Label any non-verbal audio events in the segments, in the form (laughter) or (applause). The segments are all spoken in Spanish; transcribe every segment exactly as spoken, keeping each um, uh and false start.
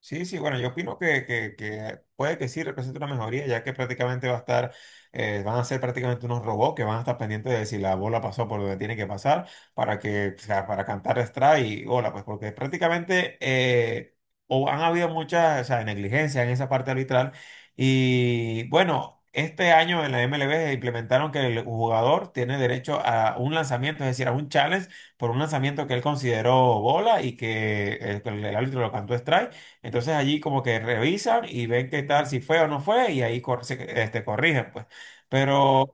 Sí, sí, bueno, yo opino que, que- que puede que sí represente una mejoría, ya que prácticamente va a estar, eh, van a ser prácticamente unos robots que van a estar pendientes de si la bola pasó por donde tiene que pasar para que, o sea, para cantar strike y hola, pues porque prácticamente eh, o han habido muchas, o sea, negligencias en esa parte arbitral y bueno. Este año en la M L B implementaron que el jugador tiene derecho a un lanzamiento, es decir, a un challenge por un lanzamiento que él consideró bola y que el, el árbitro lo cantó strike. Entonces allí como que revisan y ven qué tal, si fue o no fue, y ahí cor- se- este, corrigen, pues. Pero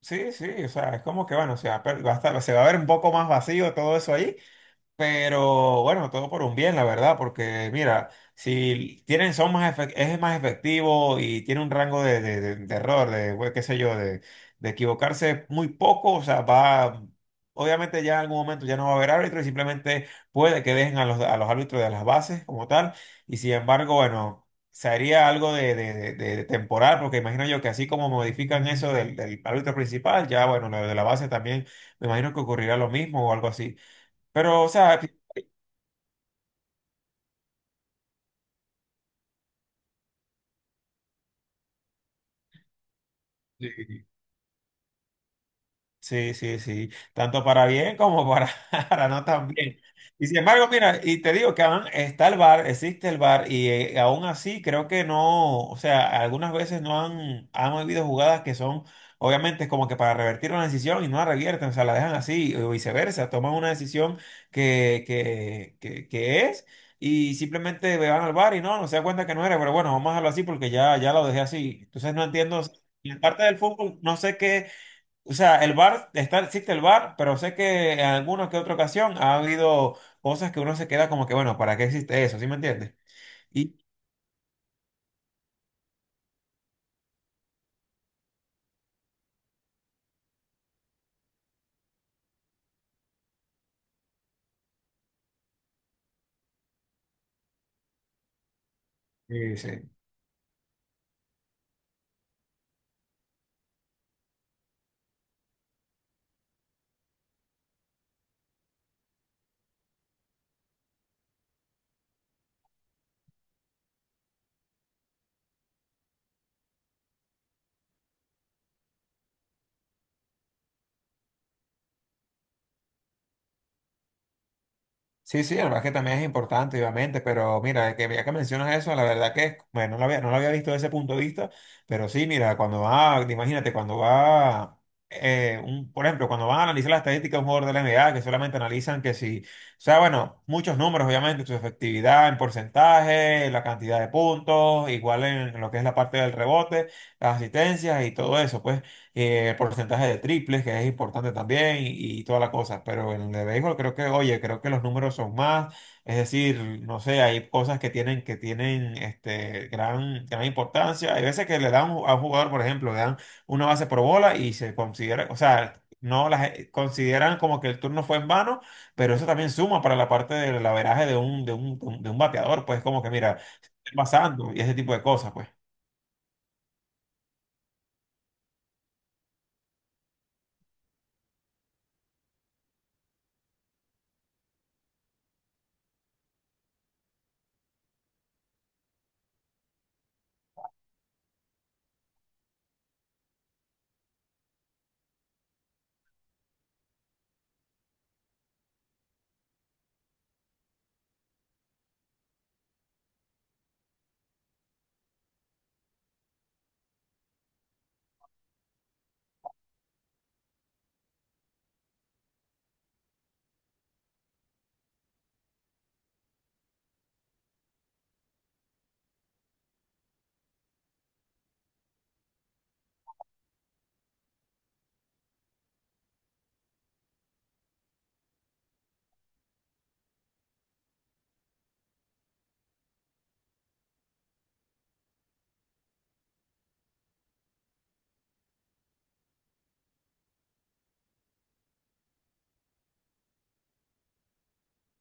sí, sí, o sea, es como que bueno, se va a, per- va a estar- se va a ver un poco más vacío todo eso ahí. Pero bueno, todo por un bien, la verdad, porque mira, si tienen, son más efec- es más efectivo y tiene un rango de, de- de- de error, de, bueno, qué sé yo, de, de equivocarse muy poco, o sea, va, obviamente ya en algún momento ya no va a haber árbitro y simplemente puede que dejen a los, a los árbitros de las bases como tal, y sin embargo, bueno, sería algo de, de- de- de temporal, porque imagino yo que así como modifican eso del, del árbitro principal, ya bueno, lo de la base también, me imagino que ocurrirá lo mismo o algo así. Pero, o sea, Sí, sí, sí, sí. Tanto para bien como para, (laughs) para no tan bien. Y sin embargo, mira, y te digo que aún está el bar existe el bar y eh, aún así creo que no, o sea, algunas veces no han, han habido jugadas que son, obviamente, como que para revertir una decisión y no la revierten, o sea, la dejan así, o viceversa, toman una decisión que, que, que, que es. Y simplemente van al bar y no, no se da cuenta que no era, pero bueno, vamos a dejarlo así porque ya, ya lo dejé así. Entonces no entiendo, o sea, y en parte del fútbol, no sé qué, o sea, el bar, está, existe el bar, pero sé que en alguna que otra ocasión ha habido cosas que uno se queda como que, bueno, ¿para qué existe eso? ¿Sí me entiendes? Y eh, sí. Sí, sí, el básquet también es importante, obviamente, pero mira, que ya que mencionas eso, la verdad que, bueno, no lo había, no lo había visto desde ese punto de vista, pero sí, mira, cuando va, imagínate, cuando va, eh, un, por ejemplo, cuando van a analizar la estadística de un jugador de la N B A, que solamente analizan que si, o sea, bueno, muchos números, obviamente, su efectividad en porcentaje, la cantidad de puntos, igual en lo que es la parte del rebote, las asistencias y todo eso, pues eh, porcentaje de triples, que es importante también, y, y toda la cosa. Pero en el de béisbol creo que, oye, creo que los números son más. Es decir, no sé, hay cosas que tienen, que tienen este, gran, gran importancia. Hay veces que le dan a un jugador, por ejemplo, le dan una base por bola y se considera, o sea, no las eh, consideran como que el turno fue en vano, pero eso también suma para la parte del averaje de un, de un, de un de un bateador, pues como que mira, pasando y ese tipo de cosas, pues.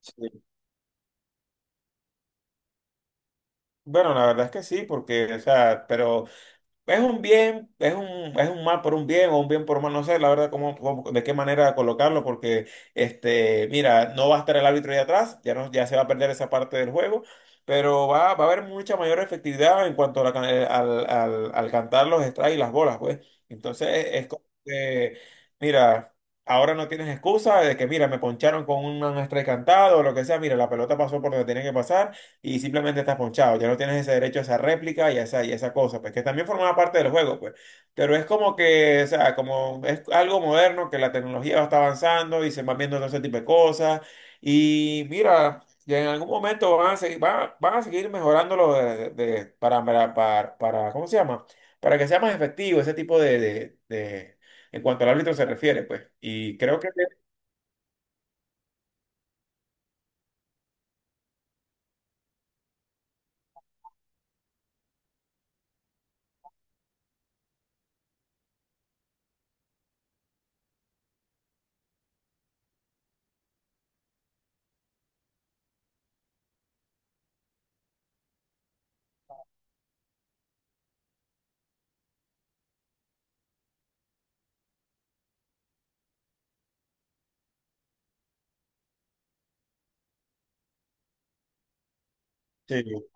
Sí. Bueno, la verdad es que sí, porque, o sea, pero es un bien, es un, es un mal por un bien o un bien por un mal, no sé, la verdad, cómo, cómo- de qué manera colocarlo, porque, este, mira, no va a estar el árbitro ahí atrás, ya, no, ya se va a perder esa parte del juego, pero va, va a haber mucha mayor efectividad en cuanto a la can- eh, al, al, al cantar los strikes y las bolas, pues. Entonces, es como que, mira, ahora no tienes excusa de que, mira, me poncharon con un strike cantado o lo que sea, mira, la pelota pasó por donde tenía que pasar y simplemente estás ponchado. Ya no tienes ese derecho a esa réplica y a esa, y a esa cosa, pues que también formaba parte del juego, pues. Pero es como que, o sea, como es algo moderno, que la tecnología va está avanzando y se van viendo todo ese tipo de cosas. Y mira, y en algún momento van a seguir, van, van a seguir mejorándolo de- de- para, para, para, para- ¿cómo se llama? Para que sea más efectivo ese tipo de, de, de- en cuanto al árbitro se refiere, pues. Y creo que sí.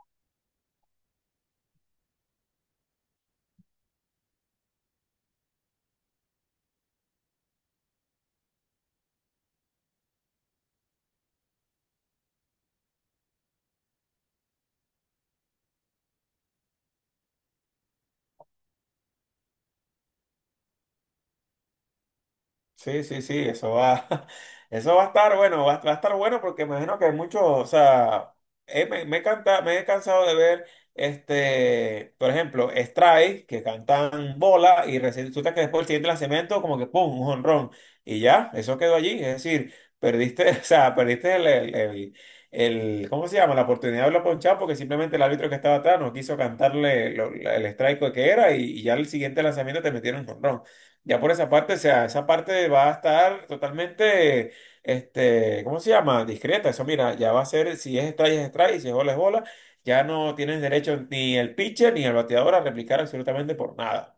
Sí, sí, sí, eso va, (laughs) eso va a estar bueno, va, va a estar bueno porque imagino que hay muchos, o sea, eh, me, me, canta- me he cansado de ver, este, por ejemplo, strike, que cantan bola y resulta que después el siguiente lanzamiento como que pum, un jonrón y ya, eso quedó allí, es decir, perdiste, (laughs) o sea, perdiste el, el, el, el- ¿cómo se llama? La oportunidad de hablar ponchado porque simplemente el árbitro que estaba atrás no quiso cantarle lo- el strike que era y, y ya el siguiente lanzamiento te metieron un jonrón. Ya por esa parte, o sea, esa parte va a estar totalmente, este, ¿cómo se llama? Discreta. Eso, mira, ya va a ser, si es strike, es strike, y si es bola, es bola. Ya no tienes derecho ni el pitcher ni el bateador a replicar absolutamente por nada.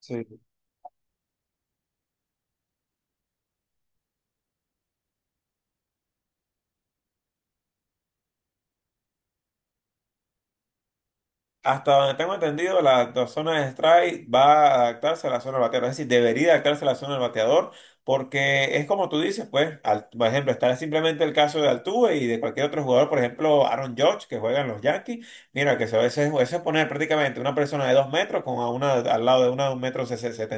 Sí. Hasta donde tengo entendido, la, la zona de strike va a adaptarse a la zona del bateador. Es decir, debería adaptarse a la zona del bateador porque es como tú dices, pues, al- por ejemplo, está simplemente el caso de Altuve y de cualquier otro jugador, por ejemplo, Aaron Judge, que juega en los Yankees. Mira, que se- eso es, eso es poner prácticamente una persona de dos metros con a una al lado de una de un metro sesenta y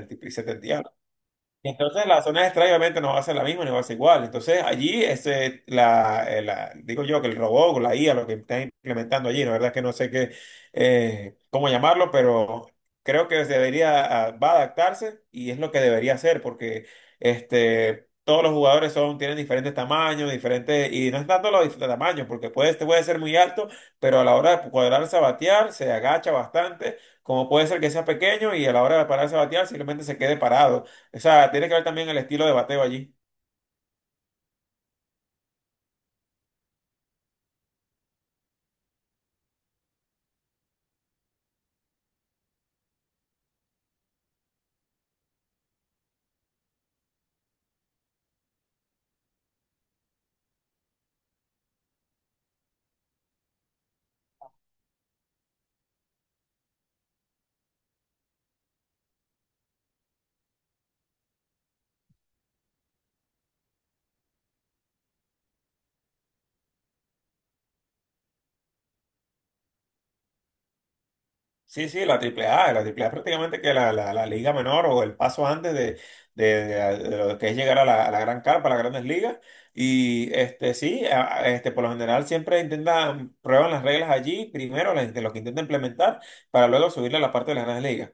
y Entonces las zonas extrañas obviamente no va a ser la misma ni va a ser igual. Entonces allí, ese, la, eh, la- digo yo que el robot o la I A, lo que están implementando allí, la verdad es que no sé qué, eh, cómo llamarlo, pero creo que se debería, ah, va a adaptarse y es lo que debería hacer porque este, todos los jugadores son, tienen diferentes tamaños, diferentes, y no es tanto los dif- tamaños, porque puede, este puede ser muy alto, pero a la hora de cuadrarse a batear, se agacha bastante, como puede ser que sea pequeño y a la hora de pararse a batear simplemente se quede parado. O sea, tiene que ver también el estilo de bateo allí. Sí, sí, la triple A, la triple A prácticamente que la, la, la liga menor o el paso antes de, de, de- de lo que es llegar a la, a la gran carpa, a las grandes ligas. Y este sí, a- a- este, por lo general siempre intentan, prueban las reglas allí, primero las, de lo que intentan implementar, para luego subirle a la parte de las grandes ligas.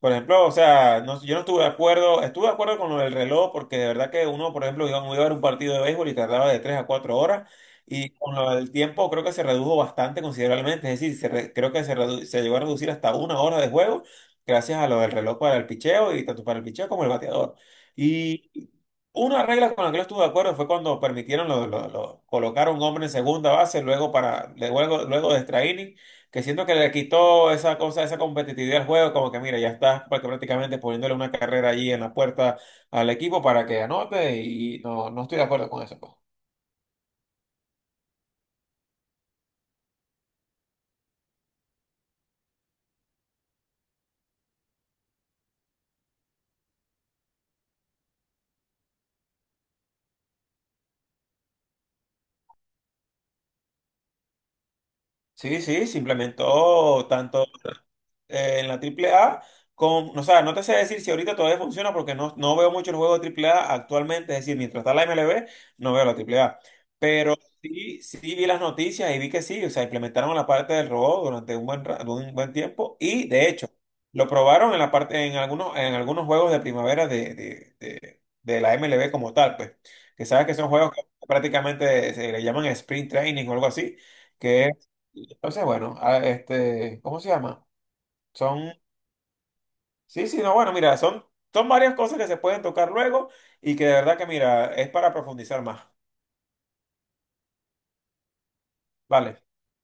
Por ejemplo, o sea, no- yo no estuve de acuerdo, estuve de acuerdo con lo del reloj, porque de verdad que uno, por ejemplo, iba, iba a ver un partido de béisbol y tardaba de tres a cuatro horas. Y con lo del tiempo creo que se redujo bastante considerablemente, es decir, se re- creo que se, redu- se llegó a reducir hasta una hora de juego gracias a lo del reloj para el picheo y tanto para el picheo como el bateador. Y una regla con la que no estuve de acuerdo fue cuando permitieron lo, lo- lo- colocar a un hombre en segunda base luego para luego, luego de extra inning, que siento que le quitó esa cosa, esa competitividad al juego, como que mira, ya estás práct- prácticamente poniéndole una carrera allí en la puerta al equipo para que anote y no, no estoy de acuerdo con eso, pues. Sí, sí, se implementó tanto eh, en la triple A. Con, o sea, no te sé decir si ahorita todavía funciona porque no, no veo muchos juegos de triple A actualmente. Es decir, mientras está la M L B, no veo la triple A. Pero sí, sí vi las noticias y vi que sí. O sea, implementaron la parte del robot durante un buen, ra- un buen tiempo. Y de hecho, lo probaron en la parte, en algunos, en algunos juegos de primavera de, de, de, de la M L B como tal, pues. Que sabes que son juegos que prácticamente se le llaman sprint training o algo así. Que es, entonces, bueno, a- este, ¿cómo se llama? Son, sí, sí, no, bueno, mira, son, son varias cosas que se pueden tocar luego y que de verdad que, mira, es para profundizar más. Vale.